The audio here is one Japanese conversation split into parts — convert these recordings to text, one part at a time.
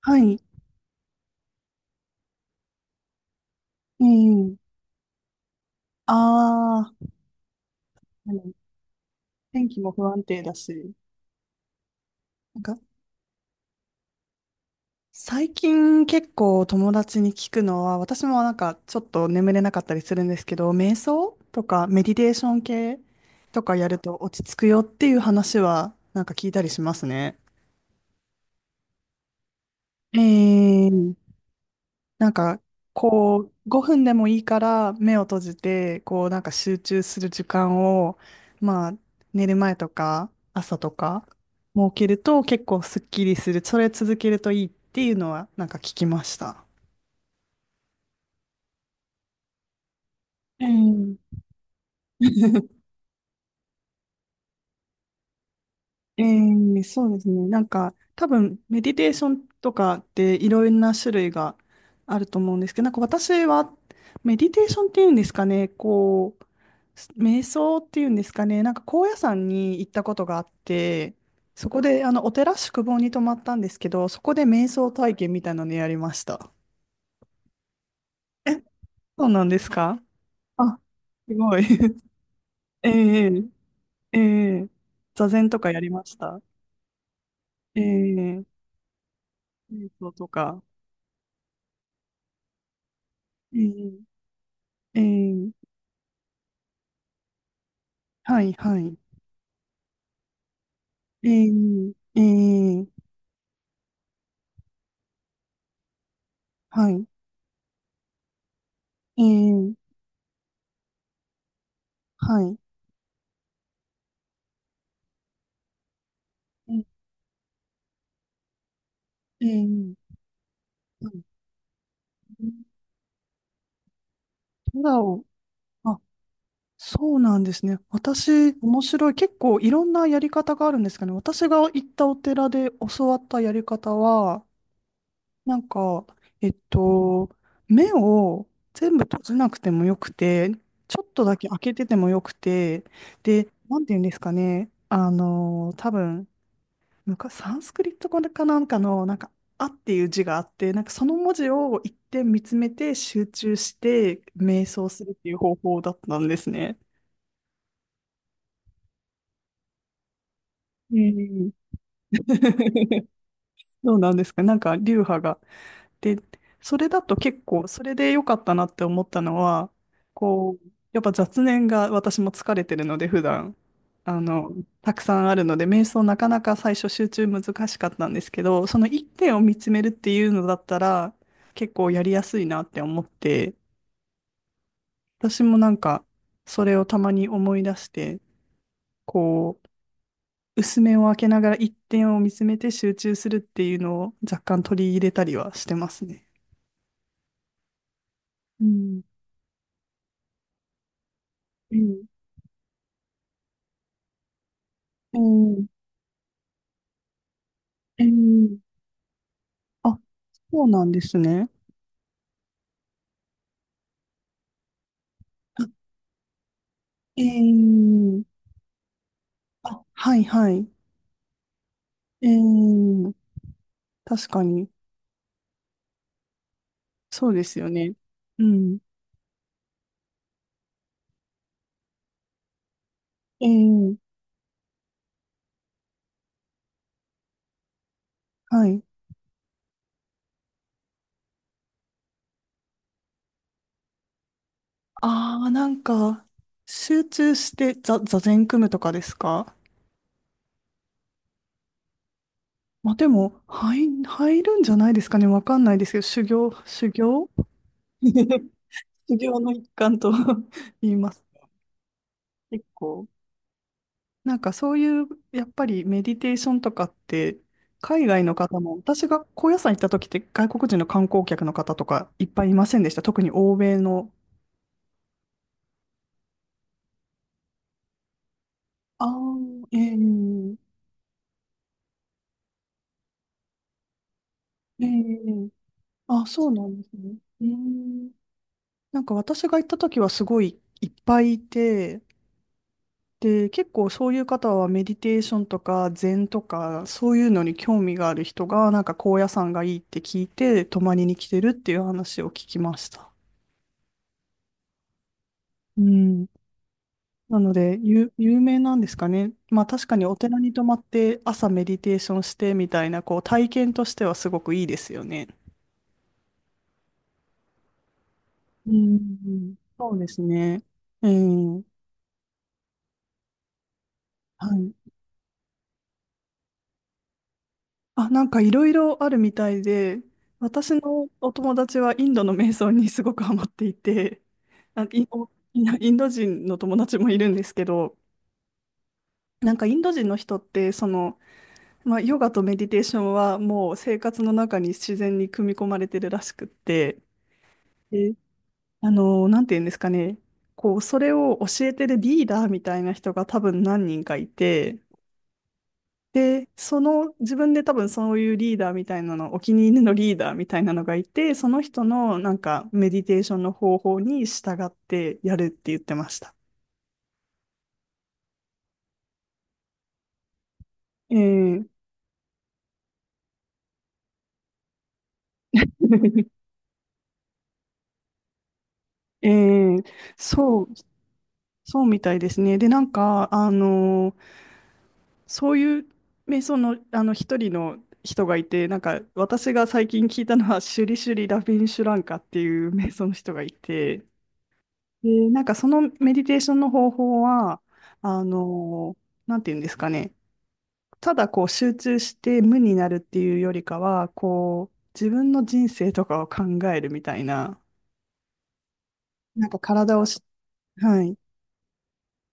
はい。うん、ああでも天気も不安定だし。なんか、最近結構友達に聞くのは、私もなんかちょっと眠れなかったりするんですけど、瞑想とかメディテーション系とかやると落ち着くよっていう話はなんか聞いたりしますね。ええなんか、こう、5分でもいいから目を閉じて、こう、なんか集中する時間を、まあ、寝る前とか、朝とか、設けると結構すっきりする。それ続けるといいっていうのは、なんか聞きました。うん。ええそうですね。なんか、多分、メディテーションとかっていろんな種類があると思うんですけど、なんか私は、メディテーションっていうんですかね、こう、瞑想っていうんですかね、なんか高野山に行ったことがあって、そこで、あの、お寺宿坊に泊まったんですけど、そこで瞑想体験みたいなのやりました。え、そうなんですか、あ、すごい。ええええ座禅とかやりました。ええ瞑想とか。ええええはいはい。ええええはい。ええはい。ええええはい。空を、あ、そうなんですね。私、面白い。結構いろんなやり方があるんですかね。私が行ったお寺で教わったやり方は、なんか、えっと、目を全部閉じなくてもよくて、ちょっとだけ開けててもよくて、で、なんて言うんですかね。あの、多分、なんかサンスクリット語かなんかの、なんか、あっていう字があって、なんかその文字を一点見つめて集中して瞑想するっていう方法だったんですね。うん。そうなんですか。なんか流派が、で、それだと結構、それで良かったなって思ったのは、こう、やっぱ雑念が私も疲れてるので、普段、あの、たくさんあるので、瞑想なかなか最初集中難しかったんですけど、その一点を見つめるっていうのだったら、結構やりやすいなって思って、私もなんか、それをたまに思い出して、こう、薄目を開けながら一点を見つめて集中するっていうのを若干取り入れたりはしてますね。うん。うん。うん、えー、あ、そうなんですね。えー、あ、はいはい。えー、確かに、そうですよね。うん。えー、はい。ああ、なんか、集中して座禅組むとかですか。まあ、でも、入るんじゃないですかね。わかんないですけど、修行、修行 修行の一環と 言います。結構。なんかそういう、やっぱりメディテーションとかって、海外の方も、私が高野山行った時って外国人の観光客の方とかいっぱいいませんでした。特に欧米の。ああ、ええええあ、そうなんですね。ええなんか私が行った時はすごいいっぱいいて、で、結構そういう方はメディテーションとか禅とかそういうのに興味がある人がなんか高野山がいいって聞いて泊まりに来てるっていう話を聞きました。うん。なので、有名なんですかね。まあ確かにお寺に泊まって朝メディテーションしてみたいな、こう体験としてはすごくいいですよね。うん。そうですね。えー、はい。あ、なんかいろいろあるみたいで、私のお友達はインドの瞑想にすごくハマっていて、あ、インド、おインド人の友達もいるんですけど、なんかインド人の人って、その、まあ、ヨガとメディテーションはもう生活の中に自然に組み込まれてるらしくって、で、あの、なんて言うんですかね、こう、それを教えてるリーダーみたいな人が多分何人かいて、で、その、自分で多分そういうリーダーみたいなの、お気に入りのリーダーみたいなのがいて、その人のなんかメディテーションの方法に従ってやるって言ってました。えー えーそう、そうみたいですね。で、なんか、あの、そういう瞑想の、あの一人の人がいて、なんか私が最近聞いたのは、シュリシュリ・ラビンシュランカっていう瞑想の人がいて、で、なんかそのメディテーションの方法は、あの、なんていうんですかね、ただこう集中して無になるっていうよりかは、こう、自分の人生とかを考えるみたいな、なんか体をし、はい、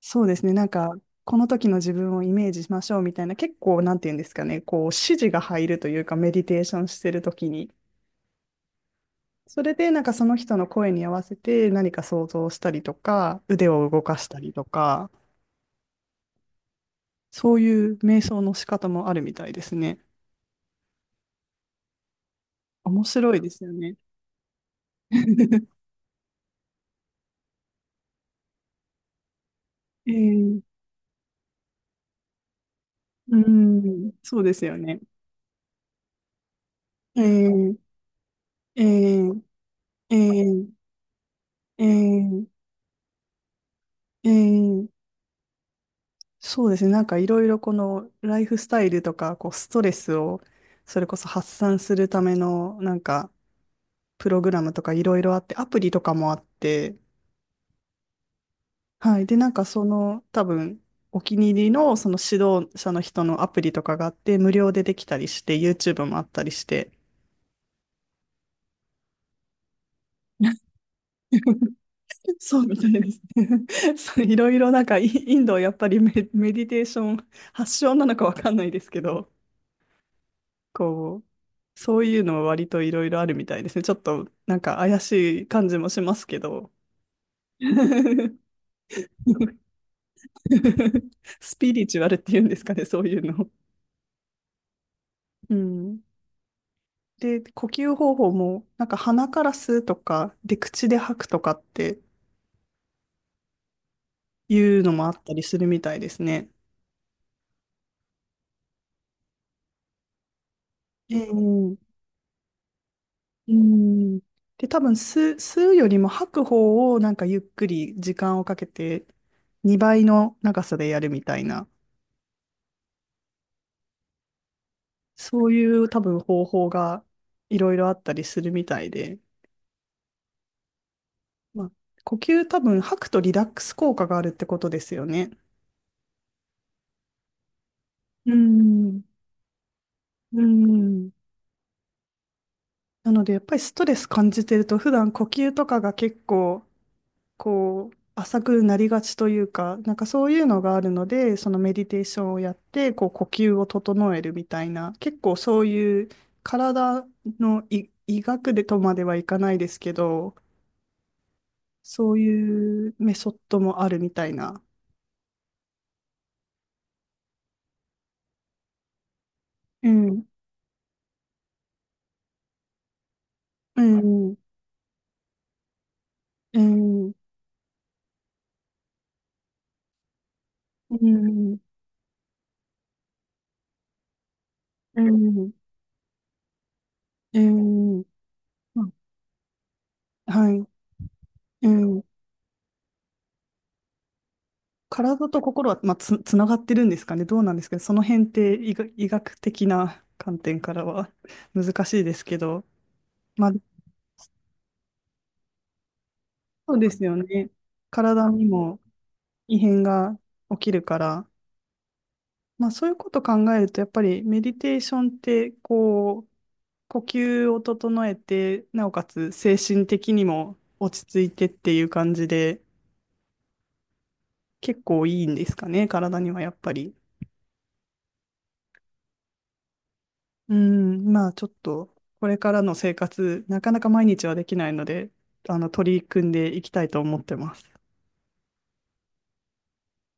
そうですね。なんか、この時の自分をイメージしましょうみたいな、結構、なんていうんですかね、こう、指示が入るというか、メディテーションしてる時に、それで、なんかその人の声に合わせて何か想像したりとか、腕を動かしたりとか、そういう瞑想の仕方もあるみたいですね。面白いですよね。えー、うん、そうですよね。えー、えー、えー、えー、えー、えーそうですね。なんかいろいろこのライフスタイルとか、こうストレスをそれこそ発散するためのなんかプログラムとかいろいろあって、アプリとかもあって、はい。で、なんかその多分お気に入りのその指導者の人のアプリとかがあって、無料でできたりして、YouTube もあったりして、そうみたいですね。そういろいろなんかインドはやっぱりメディテーション発祥なのかわかんないですけど、こう、そういうのも割といろいろあるみたいですね。ちょっとなんか怪しい感じもしますけど。スピリチュアルっていうんですかね、そういうの。うん。で、呼吸方法も、なんか鼻から吸うとか、で、口で吐くとかっていうのもあったりするみたいですね。ええうん。で、多分吸うよりも吐く方をなんかゆっくり時間をかけて2倍の長さでやるみたいな、そういう多分方法がいろいろあったりするみたいで、まあ、呼吸多分吐くとリラックス効果があるってことですよね。うん、うん。なのでやっぱりストレス感じてると普段呼吸とかが結構こう浅くなりがちというか、なんかそういうのがあるので、そのメディテーションをやってこう呼吸を整えるみたいな、結構そういう体の医学でとまではいかないですけど、そういうメソッドもあるみたいな。うん、うん、うん、うん、うん、うん、まあはい、うん。体と心は、まあ、つながってるんですかね。どうなんですけど、その辺って医学的な観点からは 難しいですけど、まあ、そうですよね。体にも異変が起きるから、まあ、そういうこと考えると、やっぱりメディテーションって、こう、呼吸を整えて、なおかつ精神的にも落ち着いてっていう感じで、結構いいんですかね、体にはやっぱり。うん、まあちょっと、これからの生活、なかなか毎日はできないので、あの、取り組んでいきたいと思ってます。